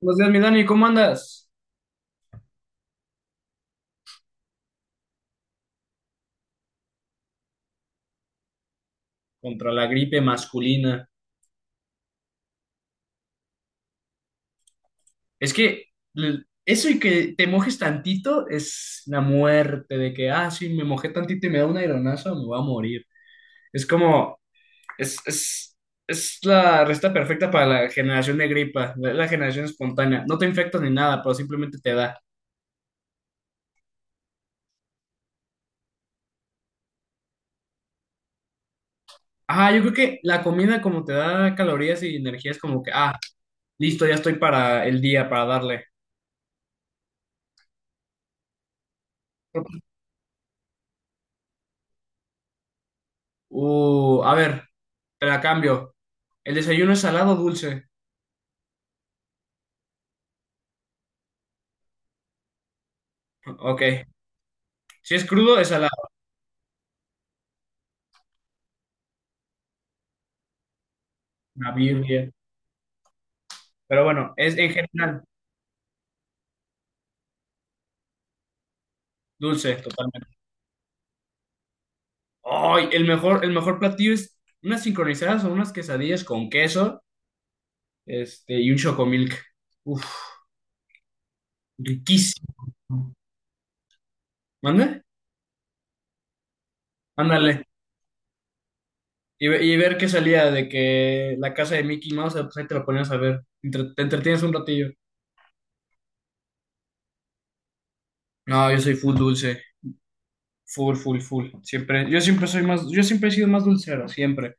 Buenos días, mi Dani, ¿cómo andas? Contra la gripe masculina. Es que eso y que te mojes tantito es la muerte de que, ah, sí, me mojé tantito y me da un aeronazo, me voy a morir. Es como, es, es, es la receta perfecta para la generación de gripa, la generación espontánea. No te infectas ni nada, pero simplemente te da. Ah, yo creo que la comida como te da calorías y energía es como que, ah, listo, ya estoy para el día, para darle. A ver, te la cambio. ¿El desayuno es salado o dulce? Ok. Si es crudo, es salado. Una Biblia. Pero bueno, es en general dulce, totalmente. Ay, el mejor platillo es unas sincronizadas o unas quesadillas con queso, este, y un chocomilk. Uf, riquísimo. ¿Mande? Ándale. Y ver qué salía de que la casa de Mickey Mouse, pues ahí te lo ponías a ver. Te entretienes un ratillo. No, yo soy full dulce. Full, full, full. Siempre, yo siempre soy más, yo siempre he sido más dulcero, siempre.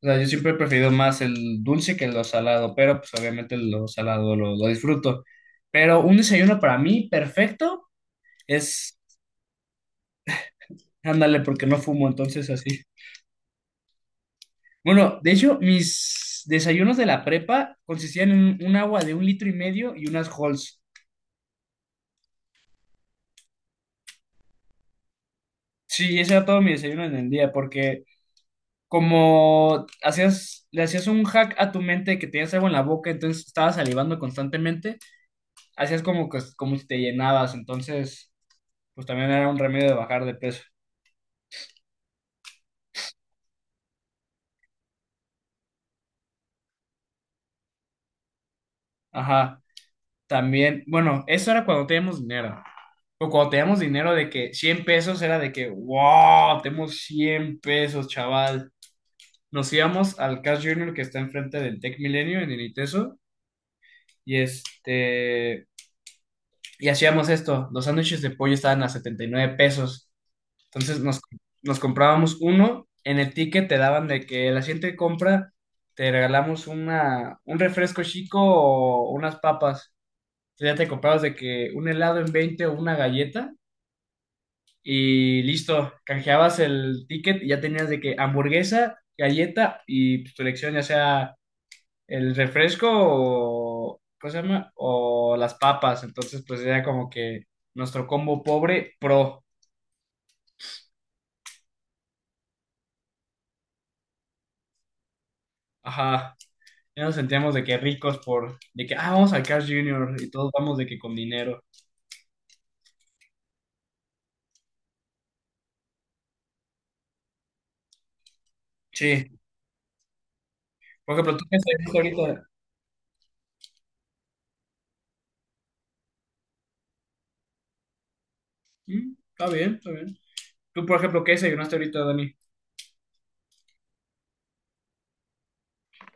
O sea, yo siempre he preferido más el dulce que lo salado, pero pues obviamente lo salado lo disfruto. Pero un desayuno para mí perfecto es, ándale, porque no fumo, entonces así. Bueno, de hecho, mis desayunos de la prepa consistían en un agua de un litro y medio y unas Halls. Sí, ese era todo mi desayuno en el día, porque como hacías, le hacías un hack a tu mente de que tenías algo en la boca, entonces estabas salivando constantemente, hacías como que, como si te llenabas, entonces, pues también era un remedio de bajar de peso. Ajá, también, bueno, eso era cuando teníamos dinero. O cuando teníamos dinero de que 100 pesos era de que, wow, tenemos 100 pesos, chaval. Nos íbamos al Cash Junior que está enfrente del Tech Milenio en el ITESO y este, y hacíamos esto. Los sándwiches de pollo estaban a 79 pesos. Entonces nos comprábamos uno. En el ticket te daban de que la siguiente compra te regalamos un refresco chico o unas papas. O ya te comprabas de que un helado en 20 o una galleta y listo, canjeabas el ticket y ya tenías de que hamburguesa, galleta y pues, tu elección, ya sea el refresco o, ¿cómo se llama? O las papas. Entonces, pues era como que nuestro combo pobre pro. Ajá. Ya nos sentíamos de que ricos por, de que, ah, vamos al Carl Jr. y todos vamos de que con dinero. Sí. Por ejemplo, ¿tú qué desayunaste ahorita? Está bien, está bien. ¿Tú, por ejemplo, qué desayunaste ahorita, Dani?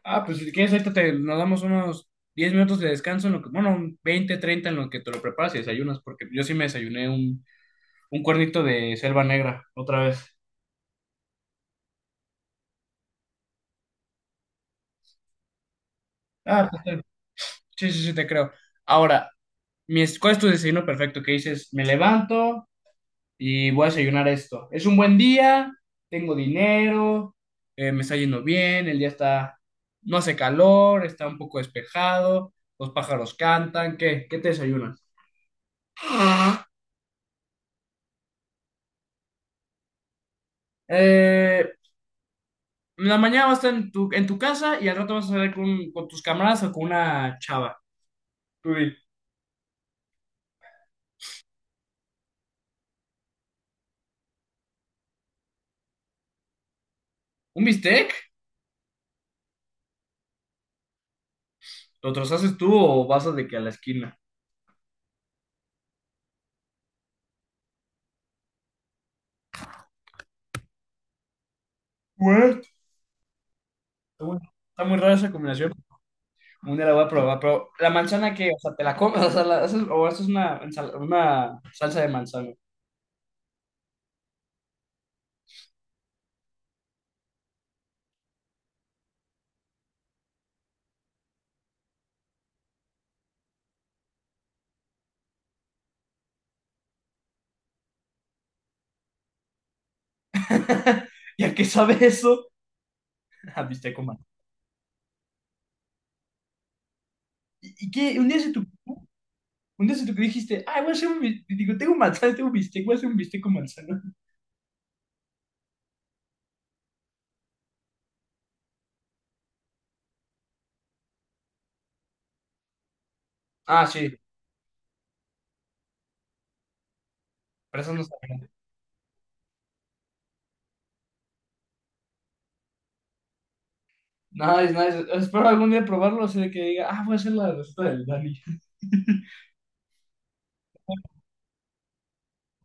Ah, pues si quieres, ahorita nos damos unos 10 minutos de descanso, en lo que, bueno, un 20, 30 en lo que te lo preparas y desayunas, porque yo sí me desayuné un cuernito de selva negra otra vez. Ah, pues, está sí, sí, sí, te creo. Ahora, ¿cuál es tu desayuno perfecto? Que dices, me levanto y voy a desayunar esto. Es un buen día, tengo dinero, me está yendo bien, el día está, no hace calor, está un poco despejado, los pájaros cantan, ¿qué? ¿Qué te desayunas? Eh, la mañana vas a estar en tu casa y al rato vas a salir con tus camaradas o con una chava. Tú di, ¿un bistec? ¿Lo haces tú o vas a de que a la esquina? What? Está muy, está muy rara esa combinación. Un día la voy a probar, pero la manzana que, o sea, te la comes, o sea, haces, o haces una salsa de manzana. ¿Y a qué sabe eso? A bistec con manzana. ¿Y qué? Un día se te que dijiste, ay, voy a hacer un bistec, digo, tengo manzana, tengo bistec, voy a hacer un bistec con manzana. Ah, sí, pero eso no sabe. Nice, nice. Espero algún día probarlo, así de que diga, ah, voy a hacer la receta del Dani.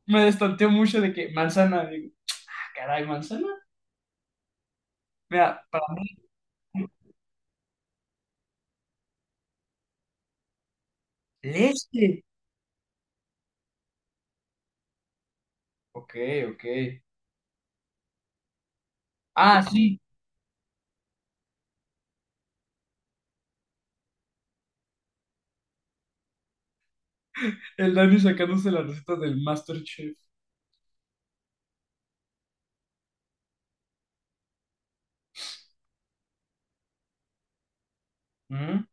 Me destanteó mucho de que manzana. Digo, ah, caray, manzana. Mira, para mí, leche. Ok, ok. Ah, sí, el Dani sacándose la receta del MasterChef. Mm,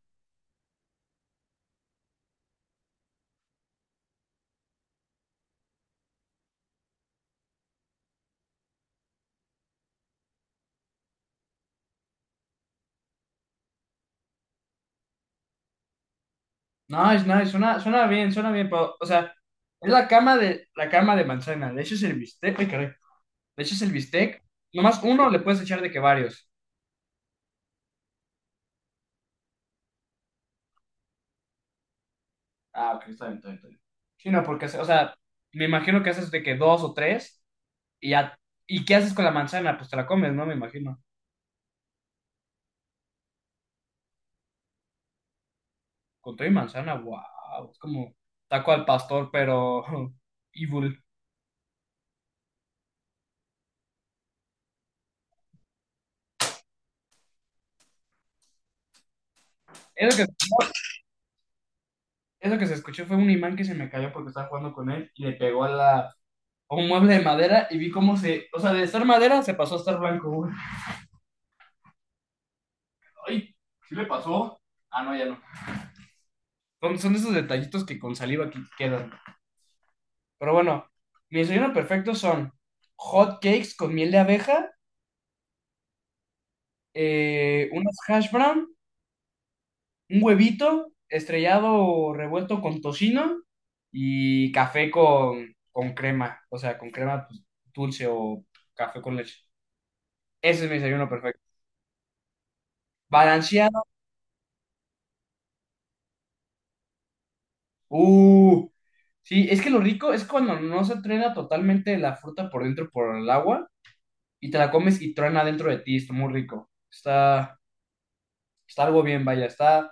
Nice, nice. Suena bien, suena bien. Pero, o sea, es la cama de manzana. Le echas el bistec. Ay, caray. Le echas el bistec. Nomás uno le puedes echar de que varios. Ah, ok, está bien, está bien, está bien. Sí, no, porque, o sea, me imagino que haces de que dos o tres y ya. ¿Y qué haces con la manzana? Pues te la comes, ¿no? Me imagino. Con todo y manzana, wow. Es como taco al pastor, pero evil. Eso que, eso que se escuchó fue un imán que se me cayó porque estaba jugando con él y le pegó a un mueble de madera y vi cómo se, o sea, de estar madera se pasó a estar blanco, güey. Ay, ¿sí le pasó? Ah, no, ya no. Son esos detallitos que con saliva que quedan. Pero bueno, mi desayuno perfecto son hot cakes con miel de abeja, unas hash brown, un huevito estrellado o revuelto con tocino y café con crema, o sea, con crema pues, dulce o café con leche. Ese es mi desayuno perfecto. Balanceado. Uh, sí, es que lo rico es cuando no se truena totalmente la fruta por dentro por el agua y te la comes y truena dentro de ti, está muy rico. Está algo bien, vaya, está.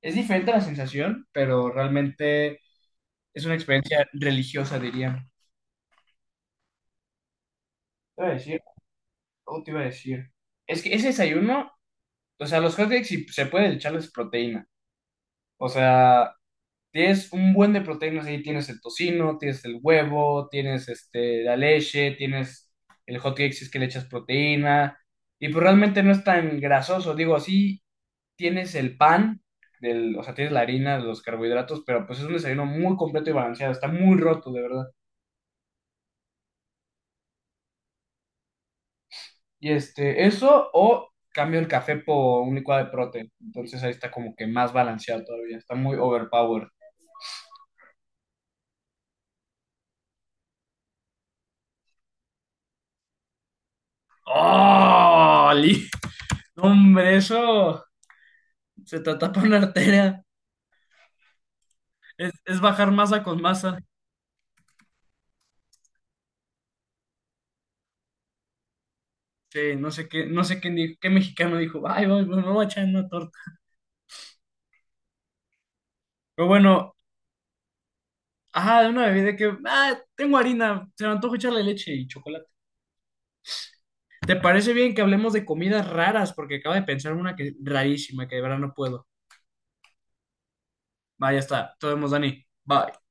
Es diferente la sensación, pero realmente es una experiencia religiosa, diría. Te iba a decir, ¿cómo te iba a decir? Es que ese desayuno, o sea, los hot cakes si se puede echarles proteína. O sea, tienes un buen de proteínas ahí, tienes el tocino, tienes el huevo, tienes este, la leche, tienes el hot cake si es que le echas proteína. Y pues realmente no es tan grasoso, digo, así tienes el pan, del, o sea, tienes la harina, los carbohidratos, pero pues es un desayuno muy completo y balanceado, está muy roto, de verdad. Y este, eso o cambio el café por un licuado de prote. Entonces ahí está como que más balanceado todavía, está muy overpowered. ¡Oh! Hombre, eso se te tapa una arteria. Es bajar masa con masa. Sí, no sé qué, no sé quién dijo, qué mexicano dijo, ay, voy, me voy a echar una torta. Pero bueno, ajá, de una bebida que, ah, tengo harina, se me antoja echarle leche y chocolate. ¿Te parece bien que hablemos de comidas raras? Porque acabo de pensar una que rarísima, que de verdad no puedo. Va, ya está. Nos vemos, Dani. Bye.